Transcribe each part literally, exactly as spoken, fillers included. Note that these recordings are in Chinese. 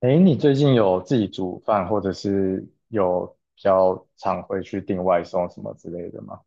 哎，你最近有自己煮饭，或者是有比较常会去订外送什么之类的吗？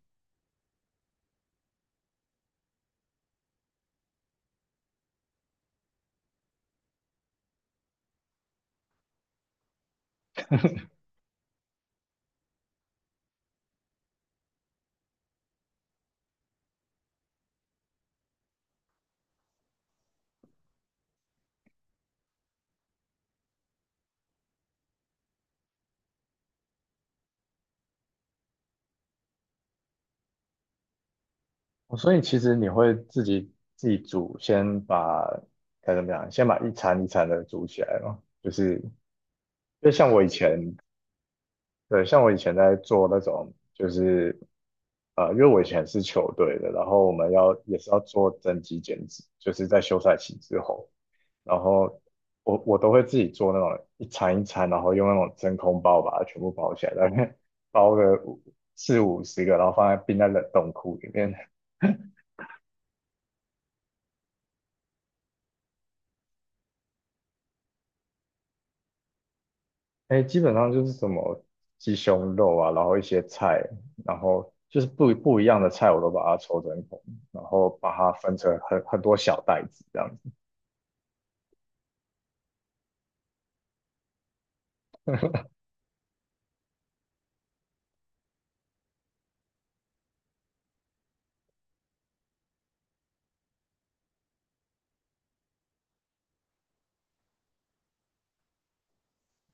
哦所以其实你会自己自己煮，先把该怎么讲，先把一餐一餐的煮起来嘛。就是就像我以前，对，像我以前在做那种，就是呃，因为我以前是球队的，然后我们要也是要做增肌减脂，就是在休赛期之后。然后我我都会自己做那种一餐一餐，然后用那种真空包把它全部包起来，大概 包个五四五十个，然后放在冰在冷冻库里面。哎，基本上就是什么鸡胸肉啊，然后一些菜，然后就是不不一样的菜，我都把它抽真空，然后把它分成很很多小袋子这样子。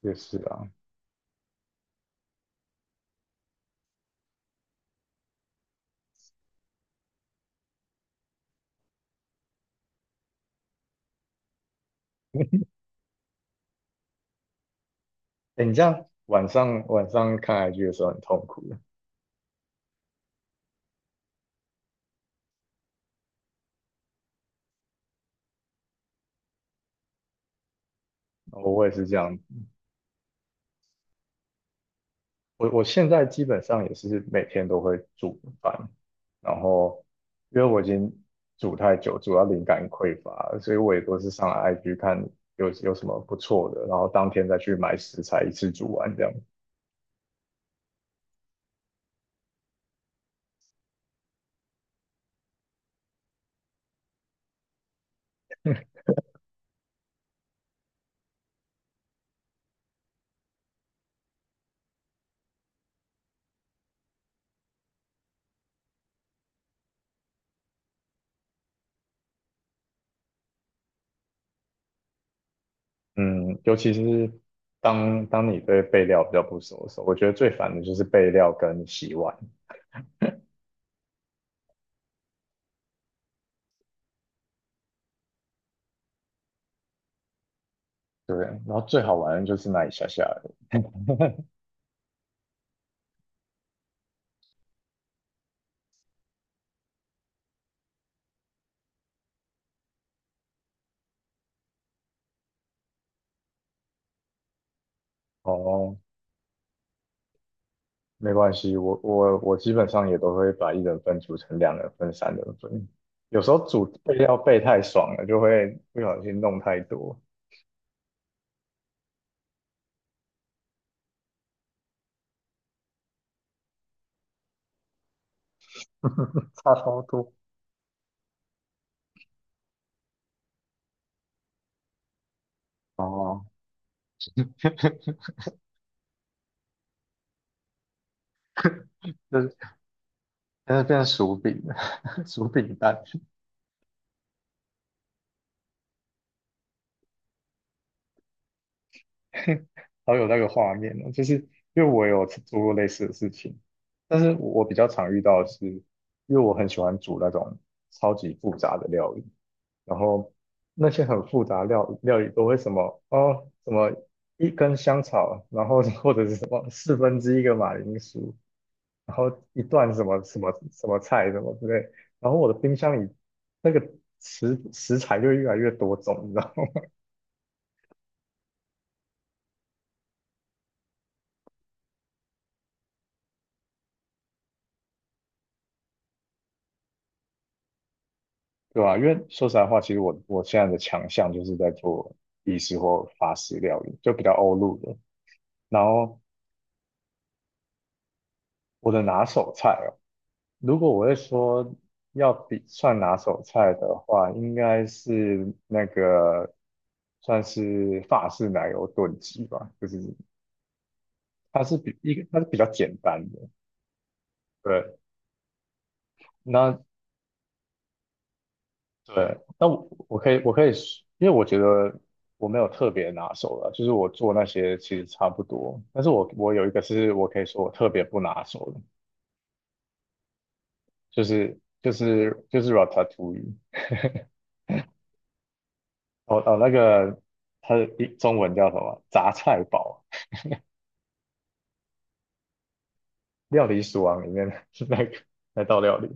就是啊，哎，你这样晚上晚上看 i 剧的时候很痛苦的，我也是这样。我我现在基本上也是每天都会煮饭，然后因为我已经煮太久，煮到灵感匮乏了，所以我也都是上 I G 看有有什么不错的，然后当天再去买食材，一次煮完这样。嗯，尤其是当当你对备料比较不熟的时候，我觉得最烦的就是备料跟洗碗。对，然后最好玩的就是那一下下而已。 哦，没关系，我我我基本上也都会把一人份煮成两人份、三人份。有时候煮备料备太爽了，就会不小心弄太多。差超多。哦，就是但是变成薯饼了，薯饼蛋，好有那个画面哦。就是因为我有做过类似的事情，但是我比较常遇到的是，因为我很喜欢煮那种超级复杂的料理。然后那些很复杂料料理都会什么哦，什么一根香草，然后 或者是什么四分之一个马铃薯，然后一段什么什么什么菜什么之类，然后我的冰箱里那个食食材就越来越多种，你知道吗？对吧、因为说实在话，其实我我现在的强项就是在做意式或法式料理，就比较欧陆的。然后我的拿手菜哦，如果我会说要比算拿手菜的话，应该是那个算是法式奶油炖鸡吧，就是它是比一个它是比较简单的。对，那对，那我我可以我可以说，因为我觉得我没有特别拿手的，就是我做那些其实差不多，但是我我有一个是我可以说我特别不拿手的，就是就是就是 ratatouille，哦哦那个它的中文叫什么？杂菜煲。料理鼠王里面的 那个那道料理，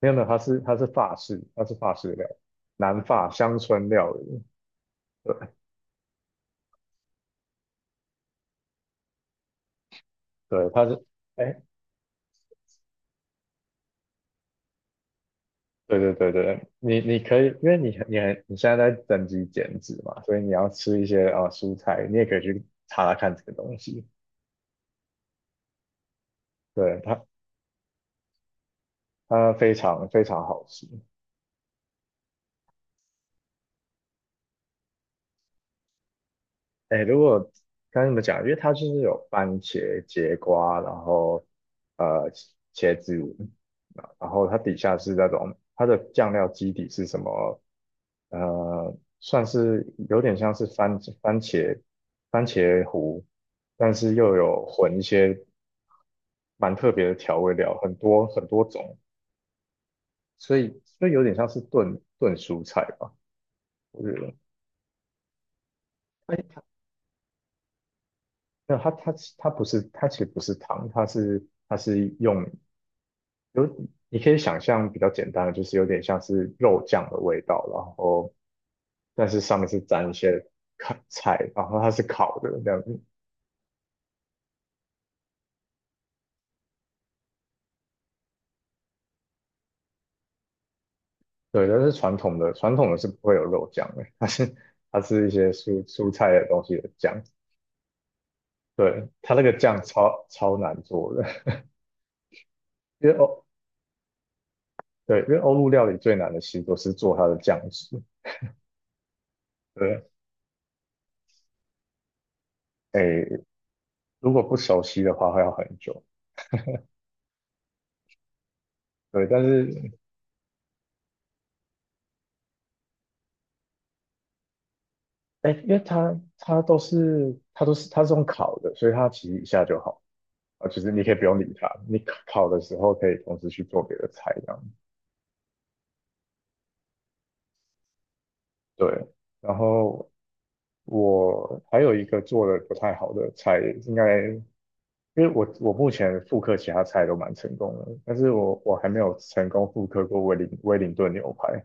没有没有，它是它是法式，它是法式的料理，南法乡村料理。对对，它是，哎，对对对对，你你可以，因为你你很你现在在增肌减脂嘛，所以你要吃一些啊、呃蔬菜，你也可以去查查看这个东西。对，它它非常非常好吃。哎，如果该怎么讲？因为它就是有番茄、节瓜，然后呃茄子，然后它底下是那种它的酱料基底是什么？呃，算是有点像是番番茄番茄糊，但是又有混一些蛮特别的调味料，很多很多种，所以所以有点像是炖炖蔬菜吧，我觉得。哎，它那它它它不是，它其实不是汤，它是它是用有，你可以想象比较简单的，就是有点像是肉酱的味道，然后但是上面是沾一些烤菜，然后它是烤的这样子。对，但是传统的传统的是不会有肉酱的，它是它是一些蔬蔬菜的东西的酱。对，它那个酱超超难做的。因为欧对，因为欧陆料理最难的其实都是做它的酱汁。对，诶，如果不熟悉的话会要很久。对，但是哎，因为它它都是它都是它是用烤的，所以它其实一下就好啊，就是你可以不用理它，你烤烤的时候可以同时去做别的菜这样。对，然后我还有一个做的不太好的菜，应该因为我我目前复刻其他菜都蛮成功的，但是我我还没有成功复刻过威灵威灵顿牛排。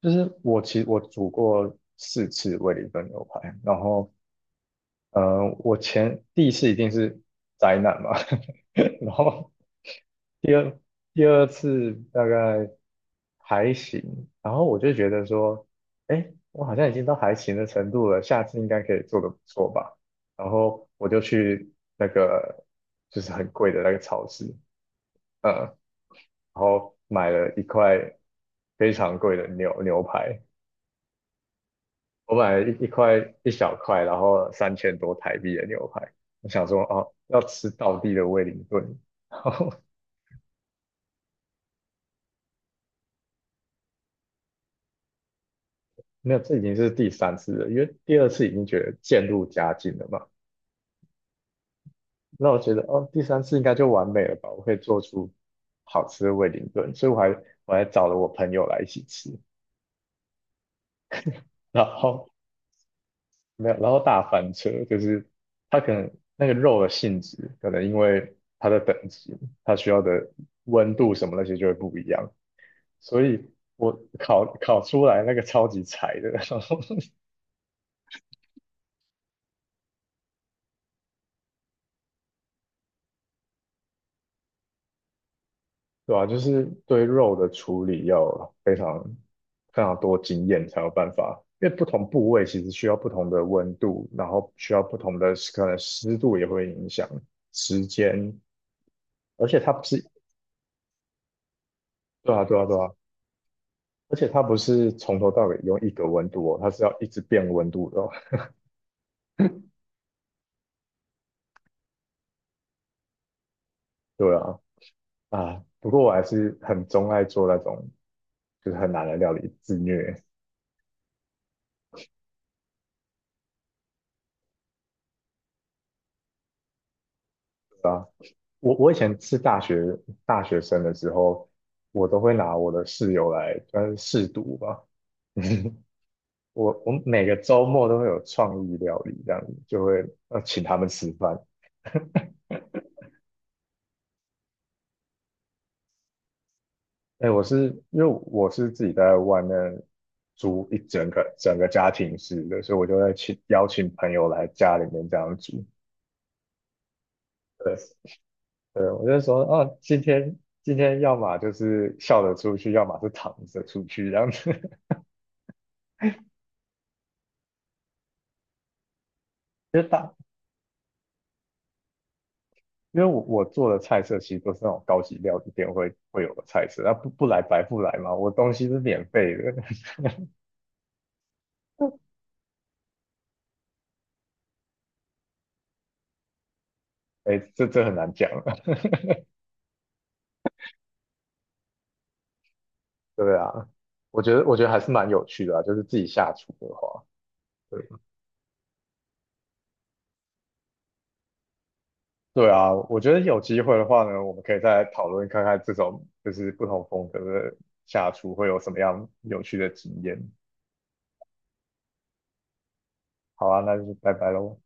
就是我其实我煮过四次威灵顿牛排，然后呃，我前第一次一定是灾难嘛，然后第二第二次大概还行，然后我就觉得说，哎，我好像已经到还行的程度了，下次应该可以做得不错吧。然后我就去那个就是很贵的那个超市，呃，然后买了一块非常贵的牛牛排，我买了一一块一小块，然后三千多台币的牛排，我想说哦，要吃道地的威灵顿。然后那这已经是第三次了，因为第二次已经觉得渐入佳境了嘛，那我觉得哦，第三次应该就完美了吧，我可以做出好吃的威灵顿，所以我还我还找了我朋友来一起吃，然后没有，然后大翻车，就是它可能那个肉的性质，可能因为它的等级，它需要的温度什么那些就会不一样。所以我烤烤出来那个超级柴的，对吧、就是对肉的处理要非常非常多经验才有办法，因为不同部位其实需要不同的温度，然后需要不同的可能湿度也会影响时间，而且它不是，对啊对啊对啊，而且它不是从头到尾用一个温度哦，它是要一直变温度的哦，对啊啊，不过我还是很钟爱做那种就是很难的料理自虐。啊。我我以前是大学大学生的时候，我都会拿我的室友来算是试毒吧。我我每个周末都会有创意料理，这样子就会呃请他们吃饭。哎，我是因为我是自己在外面租一整个整个家庭式的，所以我就会请邀请朋友来家里面这样煮。对对，我就说啊，今天今天要么就是笑着出去，要么是躺着出去这样子。就大因为我我做的菜色其实都是那种高级料理店会会有的菜色，那不不来白不来嘛，我东西是免费的，哎，这这很难讲啊，对啊，我觉得我觉得还是蛮有趣的啊，就是自己下厨的话，对对啊，我觉得有机会的话呢，我们可以再讨论看看这种就是不同风格的下厨会有什么样有趣的经验。好啊，那就拜拜喽。